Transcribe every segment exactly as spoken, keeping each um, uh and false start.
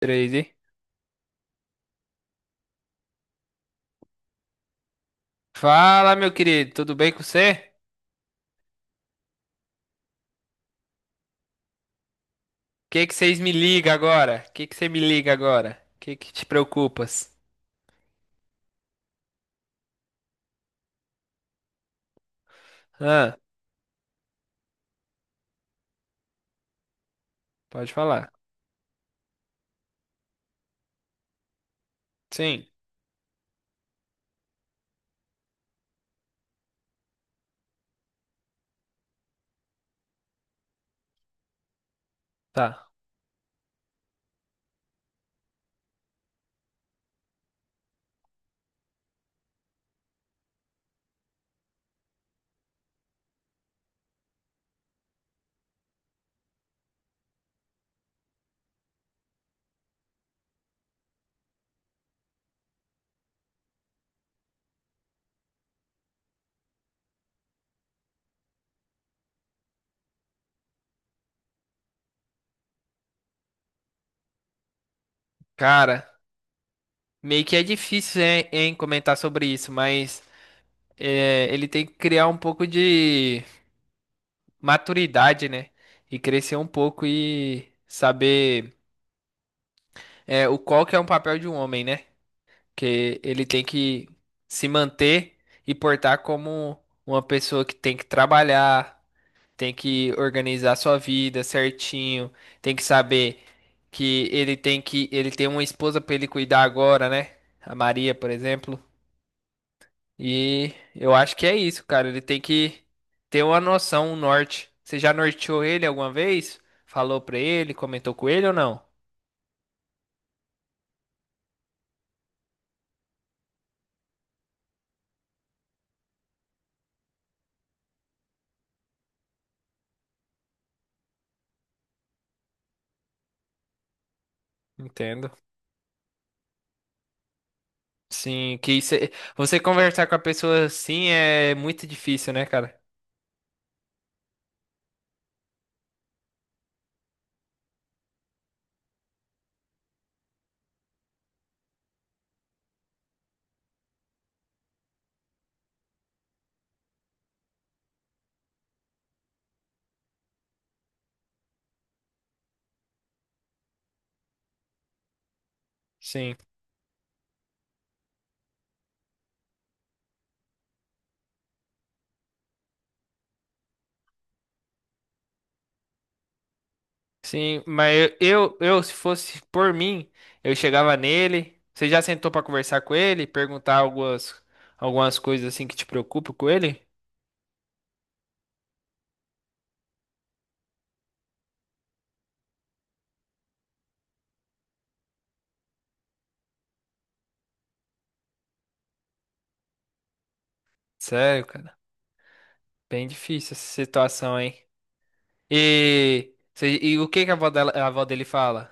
Três, hein? Fala, meu querido, tudo bem com você? O que que vocês me ligam agora? O que que você me liga agora? O que que te preocupas? Ah, pode falar. Sim, tá. Cara, meio que é difícil, hein, hein, comentar sobre isso, mas é, ele tem que criar um pouco de maturidade, né? E crescer um pouco e saber é, o qual que é um papel de um homem, né? Que ele tem que se manter e portar como uma pessoa que tem que trabalhar, tem que organizar sua vida certinho, tem que saber que ele tem que ele tem uma esposa para ele cuidar agora, né? A Maria, por exemplo. E eu acho que é isso, cara. Ele tem que ter uma noção, um norte. Você já norteou ele alguma vez? Falou pra ele, comentou com ele ou não? Entendo. Sim, que isso é- você conversar com a pessoa assim é muito difícil, né, cara? Sim, sim, mas eu, eu, eu, se fosse por mim, eu chegava nele. Você já sentou pra conversar com ele, perguntar algumas, algumas coisas assim que te preocupam com ele? Sério, cara, bem difícil essa situação, hein? E, você- e o que que a avó dela- a avó dele fala?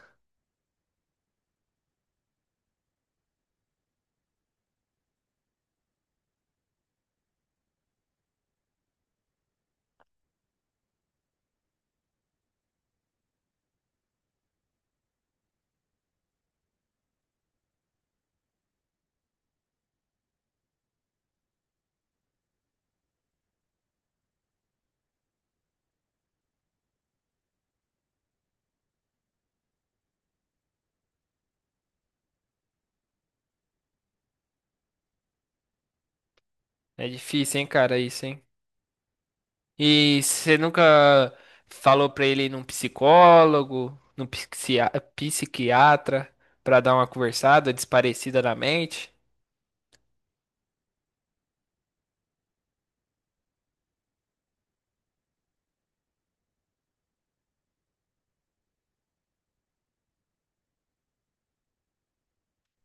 É difícil, hein, cara, isso, hein? E você nunca falou pra ele ir num psicólogo, num psiquia- psiquiatra, pra dar uma conversada desparecida na mente?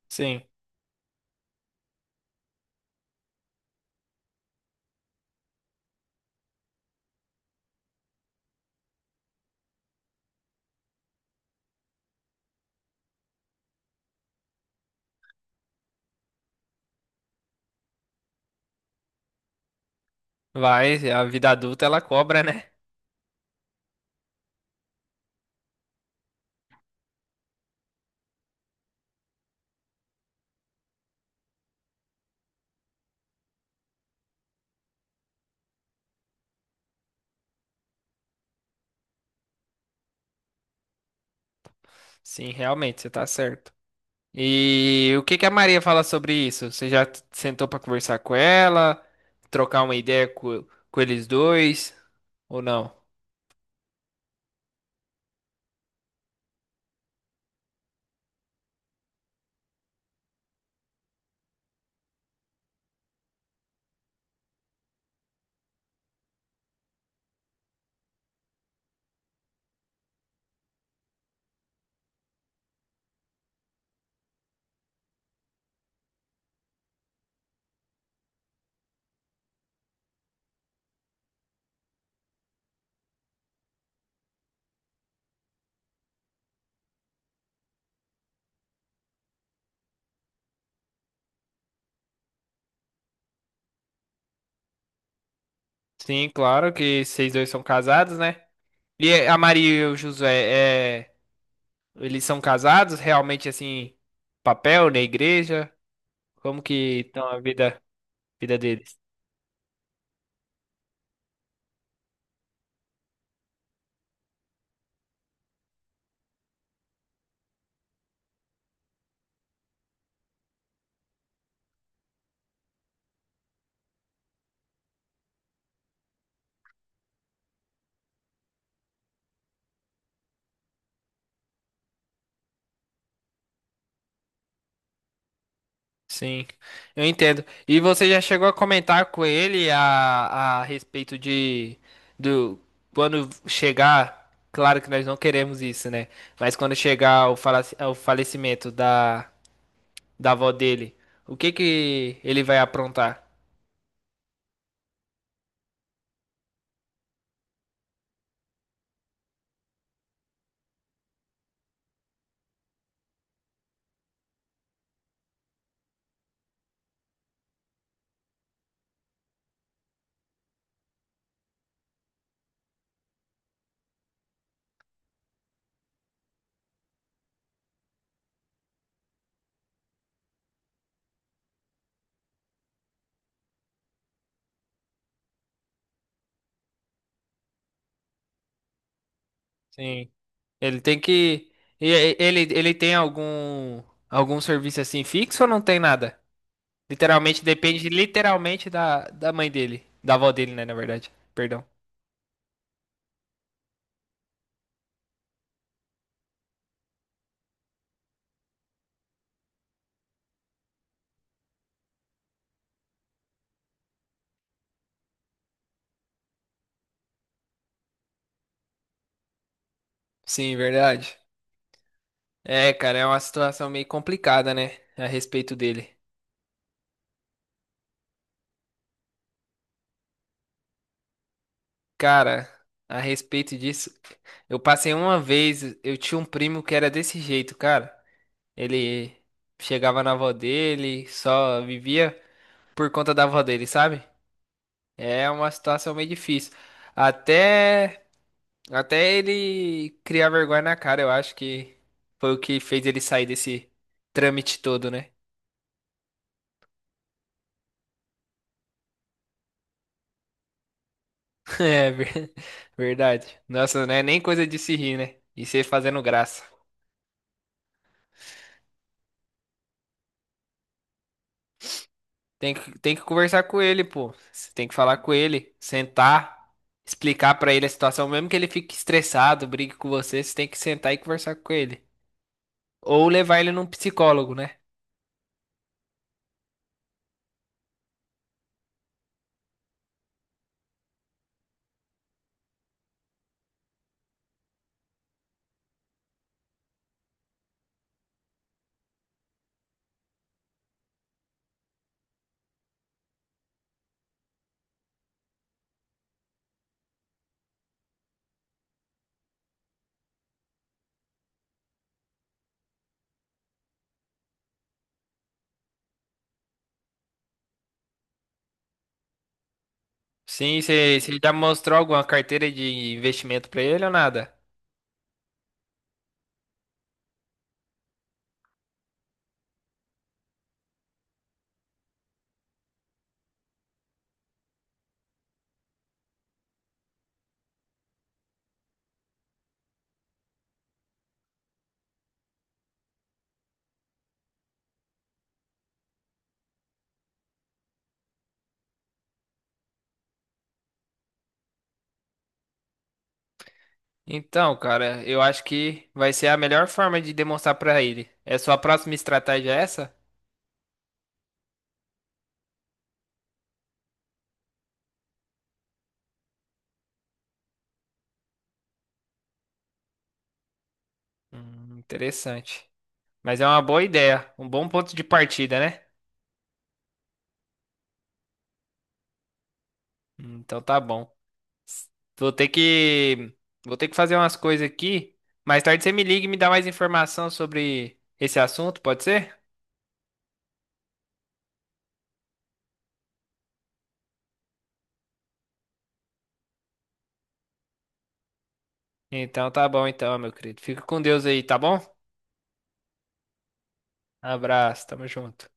Sim, vai, a vida adulta ela cobra, né? Sim, realmente, você tá certo. E o que que a Maria fala sobre isso? Você já t- sentou pra conversar com ela, trocar uma ideia co- com eles dois, ou não? Sim, claro que vocês dois são casados, né? E a Maria e o Josué, é. Eles são casados realmente assim, papel na igreja? Como que estão a vida, vida deles? Sim, eu entendo. E você já chegou a comentar com ele a, a respeito de do quando chegar, claro que nós não queremos isso, né? Mas quando chegar o, falaci- o falecimento da, da avó dele, o que que ele vai aprontar? Sim, ele tem que e- e- ele ele tem algum algum serviço assim fixo ou não tem nada? Literalmente depende literalmente da, da mãe dele. Da avó dele, né, na verdade. Perdão. Sim, verdade. É, cara, é uma situação meio complicada, né? A respeito dele. Cara, a respeito disso, eu passei uma vez, eu tinha um primo que era desse jeito, cara. Ele chegava na avó dele, só vivia por conta da avó dele, sabe? É uma situação meio difícil. Até Até ele criar vergonha na cara, eu acho que foi o que fez ele sair desse trâmite todo, né? É ver- verdade. Nossa, não é nem coisa de se rir, né? E você fazendo graça. Tem que, tem que conversar com ele, pô. Você tem que falar com ele, sentar, explicar pra ele a situação, mesmo que ele fique estressado, brigue com você, você tem que sentar e conversar com ele. Ou levar ele num psicólogo, né? Sim, você você já mostrou alguma carteira de investimento pra ele ou nada? Então, cara, eu acho que vai ser a melhor forma de demonstrar pra ele. É sua próxima estratégia é essa? Hum, interessante. Mas é uma boa ideia, um bom ponto de partida, né? Hum, então tá bom. Vou ter que vou ter que fazer umas coisas aqui. Mais tarde você me liga e me dá mais informação sobre esse assunto, pode ser? Então tá bom então, meu querido. Fica com Deus aí, tá bom? Abraço, tamo junto.